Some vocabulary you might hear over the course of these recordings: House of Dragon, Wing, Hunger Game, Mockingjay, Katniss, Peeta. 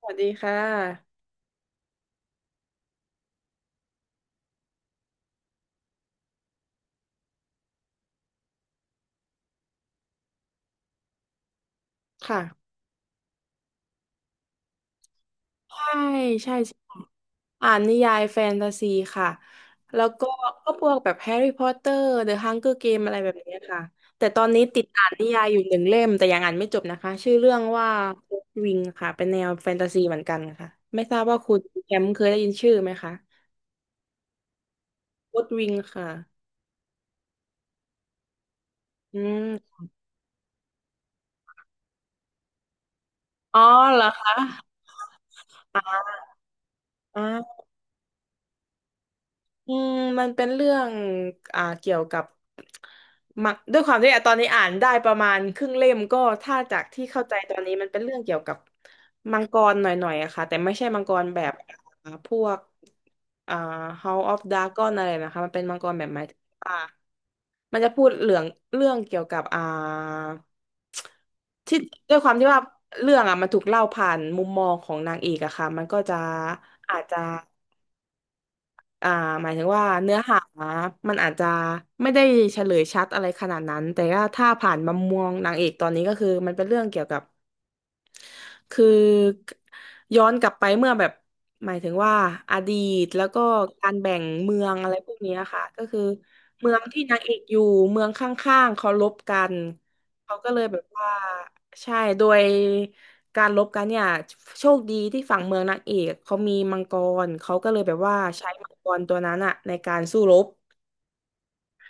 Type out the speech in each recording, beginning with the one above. สวัสดีค่ะ ค่ะใช่ใช่ใช่ อ่านนิยายแฟนตาซีค่ะ แล้วก็พวกแบบแฮร์รี่พอตเตอร์เดอะฮังเกอร์เกมอะไรแบบนี้ค่ะ แต่ตอนนี้ติดอ่านนิยายอยู่หนึ่งเล่มแต่ยังอ่านไม่จบนะคะชื่อเรื่องว่าวิงค่ะเป็นแนวแฟนตาซีเหมือนกันค่ะไม่ทราบว่าคุณแชมป์เคยได้ยินชื่อไหมคะวอตวิงค่ะอืมอ๋อเหรอคะอ่า อืมมันเป็นเรื่องเกี่ยวกับมักด้วยความที่อ่ะตอนนี้อ่านได้ประมาณครึ่งเล่มก็ถ้าจากที่เข้าใจตอนนี้มันเป็นเรื่องเกี่ยวกับมังกรหน่อยๆอะค่ะแต่ไม่ใช่มังกรแบบอ่าพวกอ่า House of Dragon อะไรนะคะมันเป็นมังกรแบบหมายถึงว่ามันจะพูดเรื่องเกี่ยวกับที่ด้วยความที่ว่าเรื่องอ่ะมันถูกเล่าผ่านมุมมองของนางเอกอะค่ะมันก็จะอาจจะ อ่าหมายถึงว่าเนื้อหามันอาจจะไม่ได้เฉลยชัดอะไรขนาดนั้นแต่ว่าถ้าผ่านมามมองนางเอกตอนนี้ก็คือมันเป็นเรื่องเกี่ยวกับ คือย้อนกลับไปเมื่อแบบหมายถึงว่าอดีตแล้วก็การแบ่งเมืองอะไรพวกเนี้ยค่ะก็คือเมืองที่นางเอกอยู่เมืองข้างๆเขาลบกันเขาก็เลยแบบว่าใช่โดยการลบกันเนี่ยโชคดีที่ฝั่งเมืองนางเอกเขามีมังกรเขาก็เลยแบบว่าใช้มังกรตัวนั้นอะในการสู้รบ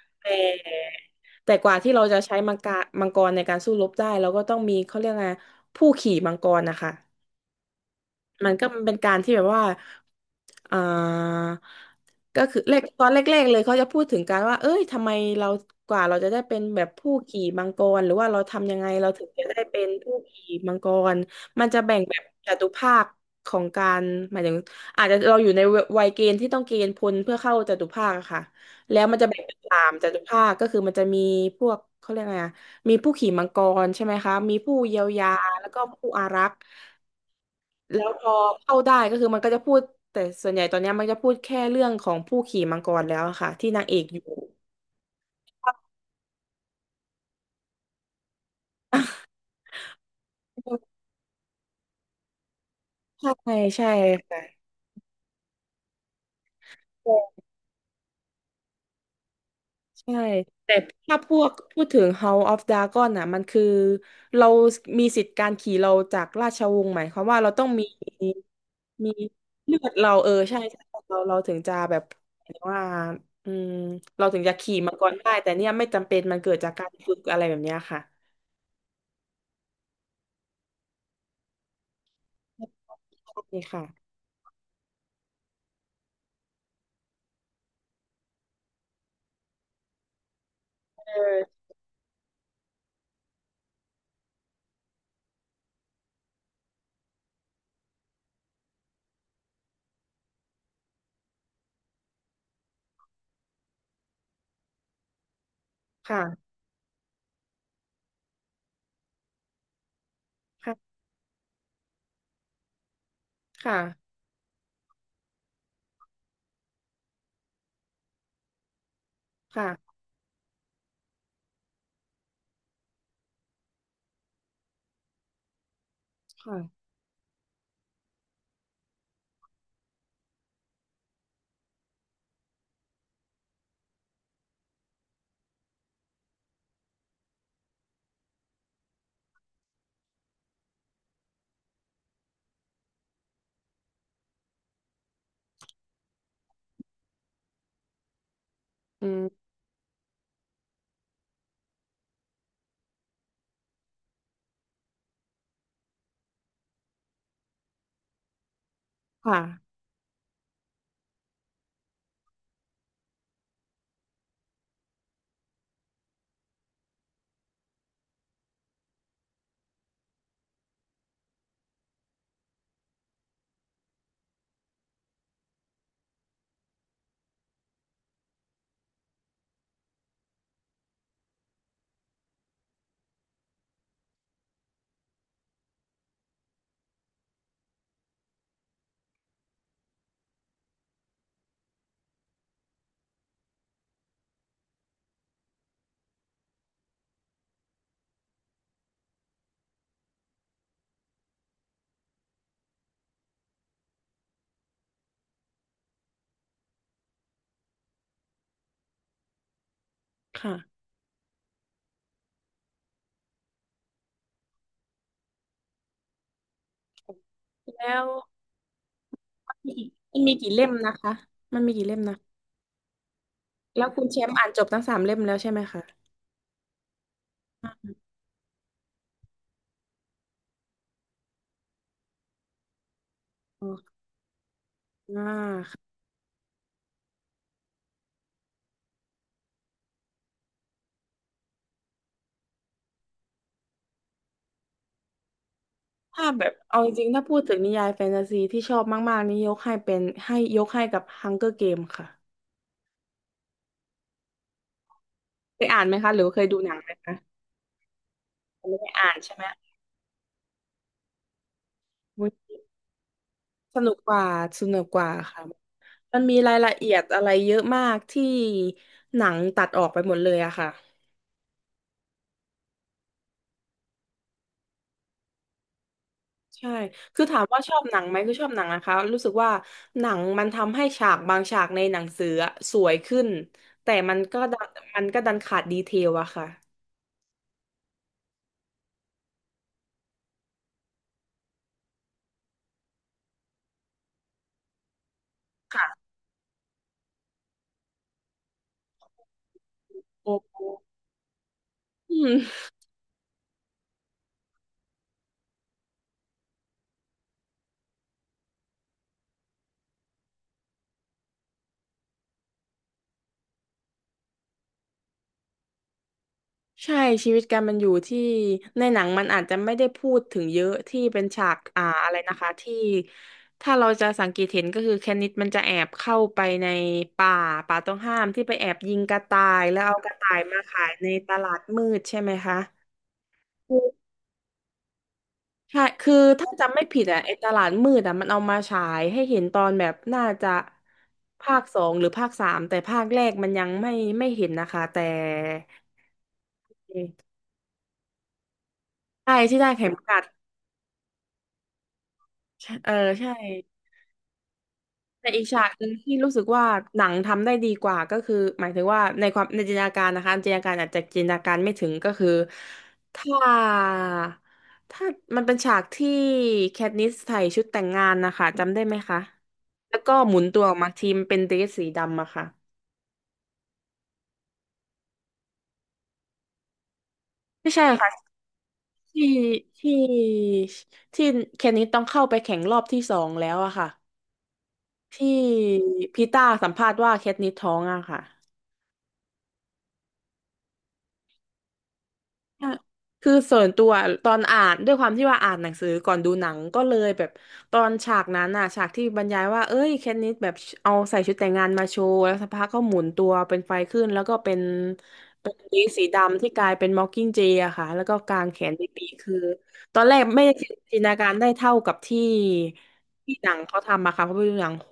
แต่แต่กว่าที่เราจะใช้มังกรในการสู้รบได้เราก็ต้องมีเขาเรียกไงผู้ขี่มังกรนะคะ มันก็เป็นการที่แบบว่าเอ่าก็คือแรกตอนแรกๆเลยเขาจะพูดถึงการว่าเอ้ยทำไมเรากว่าเราจะได้เป็นแบบผู้ขี่มังกรหรือว่าเราทำยังไงเราถึงจะได้เป็นผู้ขี่มังกรมันจะแบ่งแบบจตุภาคของการหมายถึงอาจจะเราอยู่ในวัยเกณฑ์ที่ต้องเกณฑ์พลเพื่อเข้าจตุภาคอะค่ะแล้วมันจะแบ่งเป็นสามจตุภาคก็คือมันจะมีพวกเขาเรียกไงอะมีผู้ขี่มังกรใช่ไหมคะมีผู้เยียวยาแล้วก็ผู้อารักษ์ แล้วพอเข้าได้ก็คือมันก็จะพูดแต่ส่วนใหญ่ตอนเนี้ยมันจะพูดแค่เรื่องของผู้ขี่มังกรแล้วอะค่ะที่นางเอกอยู่ใช่ใช่ค่ะใช่แต่ถ้าพวกพูดถึง House of Dragon น่ะมันคือเรามีสิทธิ์การขี่เราจากราชวงศ์หมายความว่าเราต้องมีมีเลือดเราเออใช่ใช่เราถึงจะแบบหมายถึงว่าอืมเราถึงจะขี่มังกรได้แต่เนี่ยไม่จำเป็นมันเกิดจากการฝึกอะไรแบบเนี้ยค่ะใช่ค่ะเออค่ะ ค่ะค่ะค่ะค่ะอืมค่ะ ค่ะ แล้วมันมีกี่มันมีกี่เล่มนะคะ มันมีกี่เล่มนะ แล้วคุณแชมป์อ่านจบทั้งสามเล่มแล้วใช่ไหมคะอ๋ออ่าค่ะถ้าแบบเอาจริงๆถ้าพูดถึงนิยายแฟนตาซีที่ชอบมากๆนี่ยกให้เป็นให้ยกให้กับ Hunger Game ค่ะเคยอ่านไหมคะหรือว่าเคยดูหนังไหมคะไม่ได้อ่านใช่ไหมอุ๊ยสนุกกว่าสนุกกว่าค่ะมันมีรายละเอียดอะไรเยอะมากที่หนังตัดออกไปหมดเลยอะค่ะ ใช่ คือถามว่าชอบหนังไหมคือชอบหนังนะคะ รู้สึกว่าหนังมันทำให้ฉากบางฉากในหนังสืออะสวยขึ้น แต่มันก็ดันมันก็ดันขาดดีเทลอะค่ะค่ะโอ้ โหอืมใช่ชีวิตการมันอยู่ที่ในหนังมันอาจจะไม่ได้พูดถึงเยอะที่เป็นฉากอะไรนะคะที่ถ้าเราจะสังเกตเห็นก็คือแคนิดมันจะแอบเข้าไปในป่าป่าต้องห้ามที่ไปแอบยิงกระต่ายแล้วเอากระต่ายมาขายในตลาดมืดใช่ไหมคะ ใช่คือถ้าจำไม่ผิดอ่ะไอ้ตลาดมืดอ่ะมันเอามาฉายให้เห็นตอนแบบน่าจะภาคสองหรือภาคสามแต่ภาคแรกมันยังไม่เห็นนะคะแต่ใช่ที่ได้เข็มกัดเออใช่ แต่อีกฉากหนึ่งที่รู้สึกว่าหนังทำได้ดีกว่าก็คือหมายถึงว่าในความในจินตนาการนะคะจินตนาการไม่ถึงก็คือถ้าถ้ามันเป็นฉากที่แคทนิสใส่ชุดแต่งงานนะคะจำได้ไหมคะแล้วก็หมุนตัวออกมาทีมเป็นเดรสสีดำอะค่ะไม่ใช่ค่ะที่ที่ที่แคทนิสต้องเข้าไปแข่งรอบที่สองแล้วอะค่ะที่พีต้าสัมภาษณ์ว่าแคทนิสท้องอะค่ะ ใช่คือส่วนตัวตอนอ่านด้วยความที่ว่าอ่านหนังสือก่อนดูหนังก็เลยแบบตอนฉากนั้นน่ะฉากที่บรรยายว่าเอ้ยแคทนิสแบบเอาใส่ชุดแต่งงานมาโชว์แล้วสักพักก็หมุนตัวเป็นไฟขึ้นแล้วก็เป็นวิกสีดำที่กลายเป็นมอคกิ้งเจอะค่ะแล้วก็กางแขนไปปีกคือ ตอนแรกไม่ได้จินตนาการได้เท่ากับที่หนังเขาทำมะค่ะเพราะไปดูหนังโห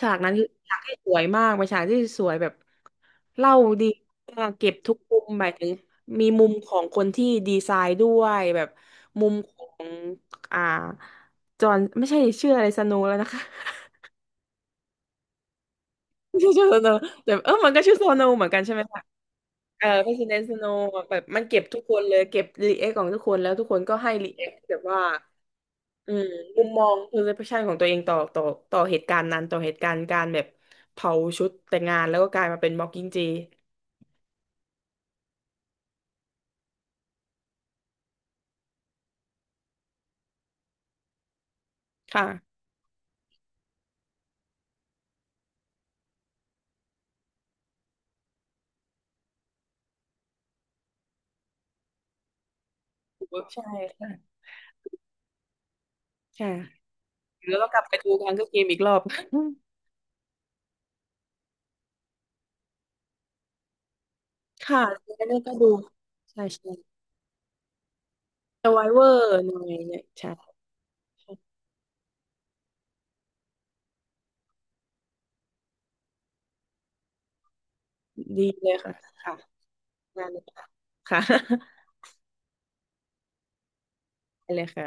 ฉากนั้นคือฉากที่สวยมากเป็นฉากที่สวยแบบเล่าดีมากเก็บทุกมุมหมายถึงมีมุมของคนที่ดีไซน์ด้วยแบบมุมของอ่าจอห์นไม่ใช่ชื่ออะไรสโนว์แล้วนะคะ ไม่ใช่ชื่อโซโนแต่เออมันก็ชื่อโซโนเหมือนกันใช่ไหมคะเออพร e ซิเดน t ์สโนแบบมันเก็บทุกคนเลยเก็บรีแอคของทุกคนแล้วทุกคนก็ให้รีแอคแบบว่า อืมมุมมอง perception ของตัวเองต่อต่อเหตุการณ์นั้นต่อเหตุการณ์การแบบเผาชุดแต่งงานแล้วก็กลายมาเป็น Mocking J ค่ะใช่ค่ะใช่ค่ะแล้วก็กลับไปดูการก็เกมอีกรอบค่ะแล้วเนี่ยก็ดูใช่ใช่สไวเวอร์หน่อยเนี่ยใช่ดีเลยค่ะค่ะงานเลยค่ะค่ะ ได้เลยค่ะ